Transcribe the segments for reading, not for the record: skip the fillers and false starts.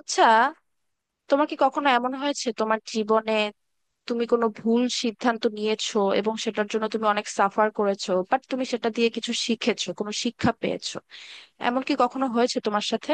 আচ্ছা, তোমার কি কখনো এমন হয়েছে তোমার জীবনে তুমি কোনো ভুল সিদ্ধান্ত নিয়েছো এবং সেটার জন্য তুমি অনেক সাফার করেছো, বাট তুমি সেটা দিয়ে কিছু শিখেছো, কোনো শিক্ষা পেয়েছো? এমন কি কখনো হয়েছে তোমার সাথে?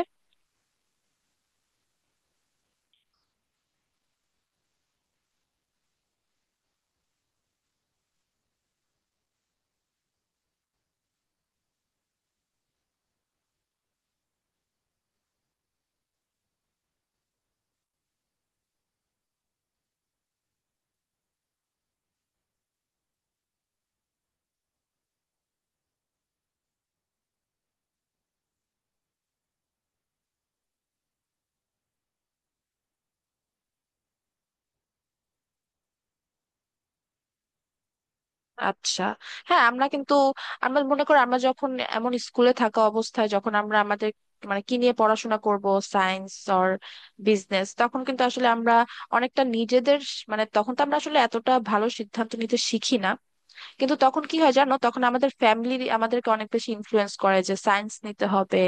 আচ্ছা। হ্যাঁ, আমরা মনে করো আমরা যখন এমন স্কুলে থাকা অবস্থায়, যখন আমরা আমাদের মানে কি নিয়ে পড়াশোনা করব, সায়েন্স অর বিজনেস, তখন কিন্তু আসলে আমরা অনেকটা মানে তখন তো আমরা আসলে এতটা ভালো সিদ্ধান্ত নিতে শিখি না। কিন্তু তখন কি হয় জানো, তখন আমাদের ফ্যামিলি আমাদেরকে অনেক বেশি ইনফ্লুয়েন্স করে যে সায়েন্স নিতে হবে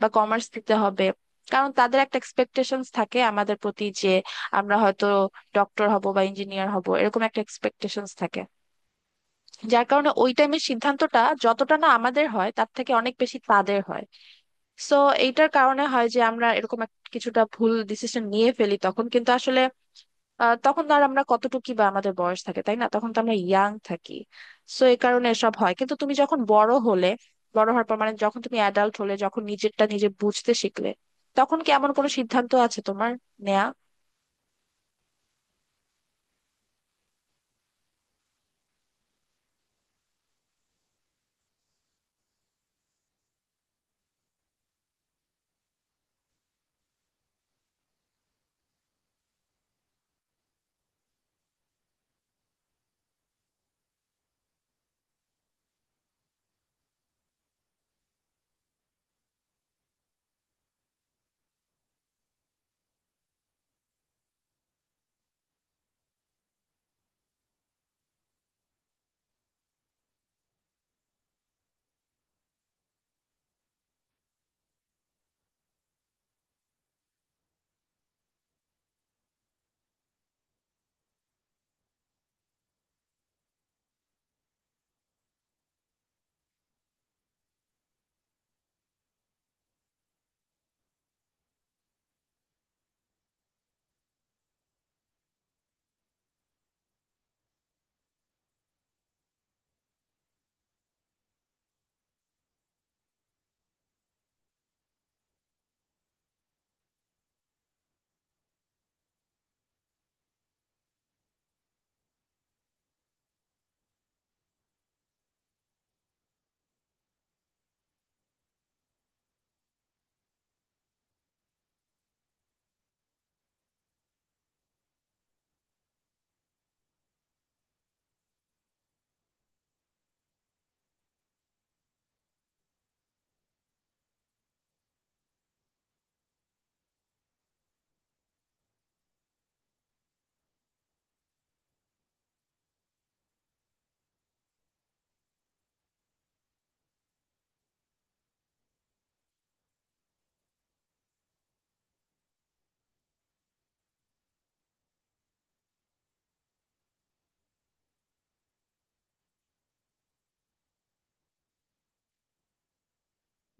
বা কমার্স নিতে হবে, কারণ তাদের একটা এক্সপেকটেশনস থাকে আমাদের প্রতি যে আমরা হয়তো ডক্টর হব বা ইঞ্জিনিয়ার হব, এরকম একটা এক্সপেকটেশনস থাকে, যার কারণে ওই টাইমের সিদ্ধান্তটা যতটা না আমাদের হয় তার থেকে অনেক বেশি তাদের হয়। সো এইটার কারণে হয় যে আমরা এরকম কিছুটা ভুল ডিসিশন নিয়ে ফেলি তখন, কিন্তু আসলে তখন তো আর আমরা কতটুকু বা আমাদের বয়স থাকে, তাই না? তখন তো আমরা ইয়াং থাকি। সো এই কারণে এসব হয়, কিন্তু তুমি যখন বড় হলে, বড় হওয়ার পর, মানে যখন তুমি অ্যাডাল্ট হলে, যখন নিজেরটা নিজে বুঝতে শিখলে, তখন কি এমন কোনো সিদ্ধান্ত আছে তোমার নেয়া?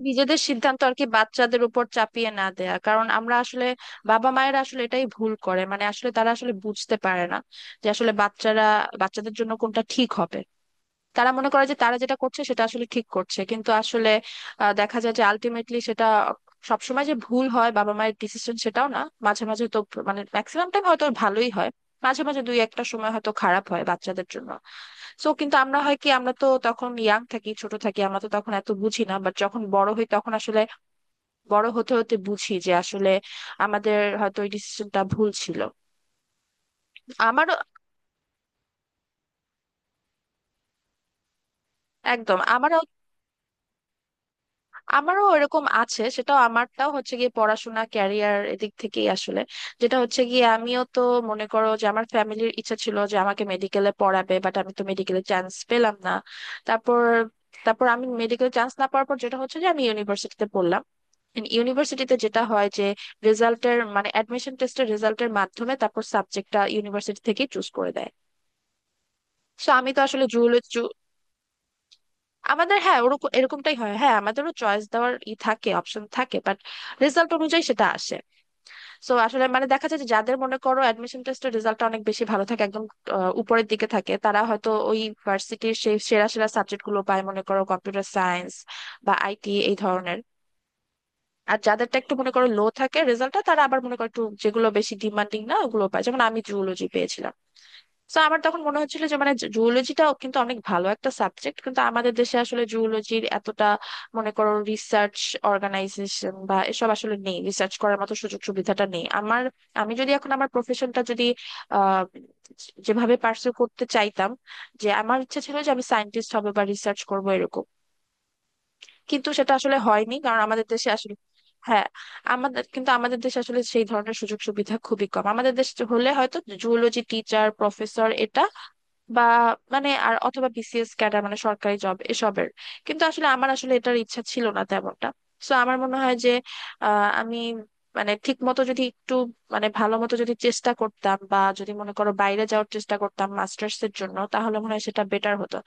নিজেদের সিদ্ধান্ত আর কি বাচ্চাদের উপর চাপিয়ে না দেয়া, কারণ আমরা আসলে বাবা মায়েরা আসলে এটাই ভুল করে, মানে আসলে তারা আসলে বুঝতে পারে না যে আসলে বাচ্চাদের জন্য কোনটা ঠিক হবে। তারা মনে করে যে তারা যেটা করছে সেটা আসলে ঠিক করছে, কিন্তু আসলে দেখা যায় যে আলটিমেটলি সেটা সবসময় যে ভুল হয় বাবা মায়ের ডিসিশন, সেটাও না। মাঝে মাঝে তো মানে ম্যাক্সিমাম টাইম হয়তো ভালোই হয়, মাঝে মাঝে দুই একটা সময় হয়তো খারাপ হয় বাচ্চাদের জন্য। সো কিন্তু আমরা হয় কি, আমরা তো তখন ইয়াং থাকি, ছোট থাকি, আমরা তো তখন এত বুঝি না, বাট যখন বড় হই তখন আসলে বড় হতে হতে বুঝি যে আসলে আমাদের হয়তো ওই ডিসিশনটা ভুল ছিল। আমারও, একদম আমারও। আমারও এরকম আছে, সেটা আমারটাও হচ্ছে গিয়ে পড়াশোনা, ক্যারিয়ার এদিক থেকেই আসলে, যেটা হচ্ছে গিয়ে আমিও তো মনে করো যে আমার ফ্যামিলির ইচ্ছা ছিল যে আমাকে মেডিকেলে পড়াবে, বাট আমি তো মেডিকেলে চান্স পেলাম না। তারপর, তারপর আমি মেডিকেল চান্স না পাওয়ার পর যেটা হচ্ছে যে আমি ইউনিভার্সিটিতে পড়লাম। ইউনিভার্সিটিতে যেটা হয় যে রেজাল্টের, মানে অ্যাডমিশন টেস্টের রেজাল্টের মাধ্যমে তারপর সাবজেক্টটা ইউনিভার্সিটি থেকেই চুজ করে দেয়। তো আমি তো আসলে আমাদের, হ্যাঁ, ওরকম এরকমটাই হয়, হ্যাঁ, আমাদেরও চয়েস দেওয়ার ই থাকে, অপশন থাকে, বাট রেজাল্ট অনুযায়ী সেটা আসে। সো আসলে মানে দেখা যায় যে যাদের মনে করো অ্যাডমিশন টেস্টের রেজাল্টটা অনেক বেশি ভালো থাকে, একদম উপরের দিকে থাকে, তারা হয়তো ওই ভার্সিটির সেই সেরা সেরা সাবজেক্ট গুলো পায়, মনে করো কম্পিউটার সায়েন্স বা আইটি এই ধরনের। আর যাদেরটা একটু মনে করো লো থাকে রেজাল্টটা, তারা আবার মনে করো একটু যেগুলো বেশি ডিমান্ডিং না ওগুলো পায়, যেমন আমি জুওলজি পেয়েছিলাম। তো আমার তখন মনে হচ্ছিল যে মানে জুওলজিটাও কিন্তু অনেক ভালো একটা সাবজেক্ট, কিন্তু আমাদের দেশে আসলে জুওলজির এতটা মনে করো রিসার্চ অর্গানাইজেশন বা এসব আসলে নেই, রিসার্চ করার মতো সুযোগ সুবিধাটা নেই আমার। আমি যদি এখন আমার প্রফেশনটা যদি আহ যেভাবে পার্সু করতে চাইতাম, যে আমার ইচ্ছা ছিল যে আমি সায়েন্টিস্ট হব বা রিসার্চ করব এরকম, কিন্তু সেটা আসলে হয়নি, কারণ আমাদের দেশে আসলে হ্যাঁ আমাদের, কিন্তু আমাদের দেশে আসলে সেই ধরনের সুযোগ সুবিধা খুবই কম। আমাদের দেশে হলে হয়তো জুওলজি টিচার, প্রফেসর, এটা বা মানে আর অথবা বিসিএস ক্যাডার মানে সরকারি জব এসবের, কিন্তু আসলে আমার আসলে এটার ইচ্ছা ছিল না তেমনটা। সো আমার মনে হয় যে আমি মানে ঠিক মতো যদি একটু, মানে ভালো মতো যদি চেষ্টা করতাম বা যদি মনে করো বাইরে যাওয়ার চেষ্টা করতাম মাস্টার্স এর জন্য, তাহলে মনে হয় সেটা বেটার হতো।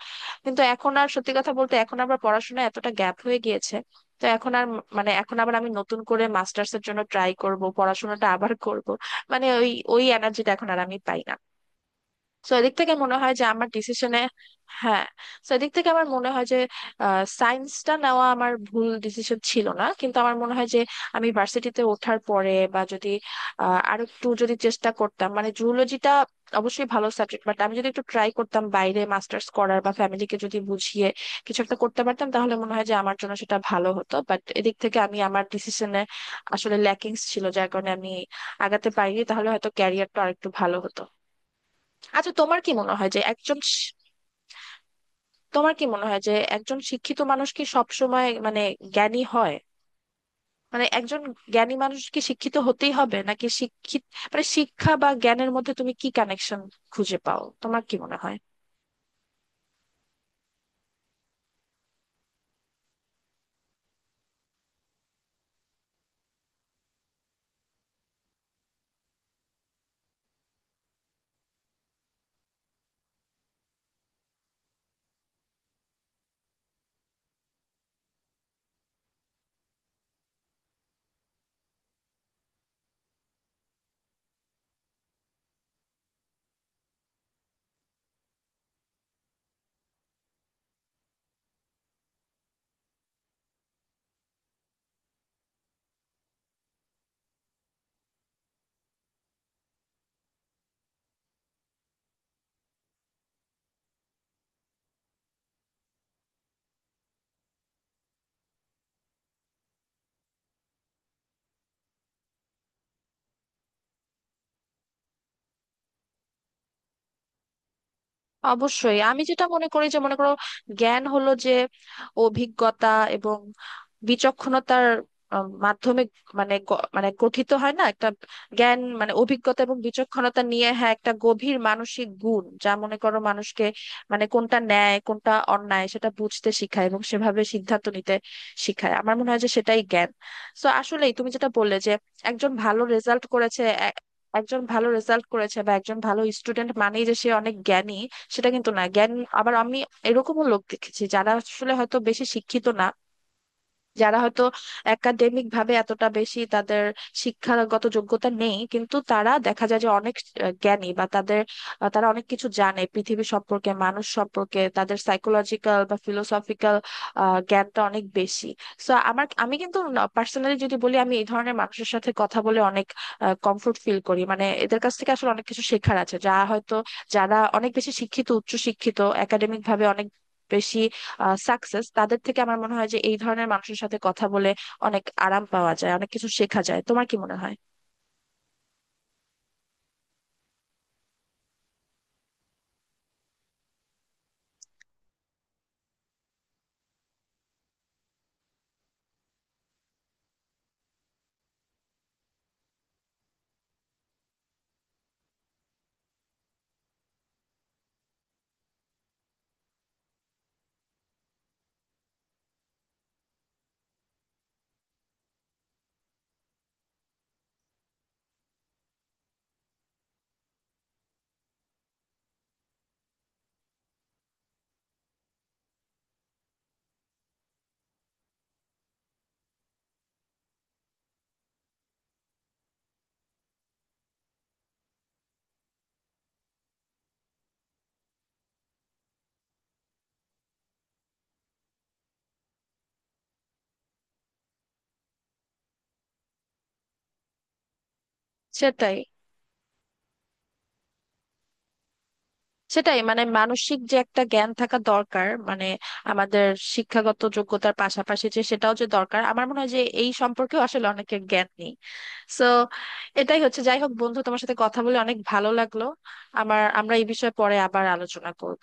কিন্তু এখন আর সত্যি কথা বলতে এখন আবার পড়াশোনায় এতটা গ্যাপ হয়ে গিয়েছে, তো এখন আর মানে এখন আবার আমি নতুন করে মাস্টার্স এর জন্য ট্রাই করব, পড়াশোনাটা আবার করব, মানে ওই ওই এনার্জিটা এখন আর আমি পাই না। তো এদিক থেকে মনে হয় যে আমার ডিসিশনে, হ্যাঁ, তো এদিক থেকে আমার মনে হয় যে সায়েন্সটা নেওয়া আমার ভুল ডিসিশন ছিল না, কিন্তু আমার মনে হয় যে আমি ভার্সিটিতে ওঠার পরে বা যদি আরো একটু যদি চেষ্টা করতাম, মানে জুলজিটা অবশ্যই ভালো সাবজেক্ট, বাট আমি যদি একটু ট্রাই করতাম বাইরে মাস্টার্স করার বা ফ্যামিলিকে যদি বুঝিয়ে কিছু একটা করতে পারতাম, তাহলে মনে হয় যে আমার জন্য সেটা ভালো হতো। বাট এদিক থেকে আমি আমার ডিসিশনে আসলে ল্যাকিংস ছিল, যার কারণে আমি আগাতে পারিনি, তাহলে হয়তো ক্যারিয়ারটা আরেকটু ভালো হতো। আচ্ছা, তোমার কি মনে হয় যে তোমার কি মনে হয় যে একজন শিক্ষিত মানুষ কি সবসময় মানে জ্ঞানী হয়? মানে একজন জ্ঞানী মানুষ কি শিক্ষিত হতেই হবে, নাকি শিক্ষিত মানে শিক্ষা বা জ্ঞানের মধ্যে তুমি কি কানেকশন খুঁজে পাও? তোমার কি মনে হয়? অবশ্যই। আমি যেটা মনে করি যে মনে করো জ্ঞান হলো যে অভিজ্ঞতা এবং বিচক্ষণতার মাধ্যমে মানে গঠিত হয় না একটা, জ্ঞান মানে অভিজ্ঞতা এবং বিচক্ষণতা নিয়ে, হ্যাঁ, একটা গভীর মানসিক গুণ যা মনে করো মানুষকে মানে কোনটা ন্যায় কোনটা অন্যায় সেটা বুঝতে শেখায় এবং সেভাবে সিদ্ধান্ত নিতে শেখায়, আমার মনে হয় যে সেটাই জ্ঞান। তো আসলেই তুমি যেটা বললে যে একজন ভালো রেজাল্ট করেছে এ- একজন ভালো রেজাল্ট করেছে বা একজন ভালো স্টুডেন্ট মানেই যে সে অনেক জ্ঞানী, সেটা কিন্তু না। জ্ঞান, আবার আমি এরকমও লোক দেখেছি যারা আসলে হয়তো বেশি শিক্ষিত না, যারা হয়তো একাডেমিক ভাবে এতটা বেশি তাদের শিক্ষাগত যোগ্যতা নেই, কিন্তু তারা দেখা যায় যে অনেক জ্ঞানী বা তাদের তারা অনেক কিছু জানে পৃথিবী সম্পর্কে, মানুষ সম্পর্কে, তাদের সাইকোলজিক্যাল বা ফিলোসফিক্যাল জ্ঞানটা অনেক বেশি। সো আমি কিন্তু পার্সোনালি যদি বলি, আমি এই ধরনের মানুষের সাথে কথা বলে অনেক কমফোর্ট ফিল করি, মানে এদের কাছ থেকে আসলে অনেক কিছু শেখার আছে, যা হয়তো যারা অনেক বেশি শিক্ষিত, উচ্চ শিক্ষিত, একাডেমিক ভাবে অনেক বেশি সাকসেস তাদের থেকে। আমার মনে হয় যে এই ধরনের মানুষের সাথে কথা বলে অনেক আরাম পাওয়া যায়, অনেক কিছু শেখা যায়। তোমার কি মনে হয়? সেটাই, সেটাই মানে মানসিক যে একটা জ্ঞান থাকা দরকার, মানে আমাদের শিক্ষাগত যোগ্যতার পাশাপাশি যে সেটাও যে দরকার, আমার মনে হয় যে এই সম্পর্কেও আসলে অনেকের জ্ঞান নেই। সো এটাই হচ্ছে, যাই হোক বন্ধু, তোমার সাথে কথা বলে অনেক ভালো লাগলো আমার। আমরা এই বিষয়ে পরে আবার আলোচনা করব।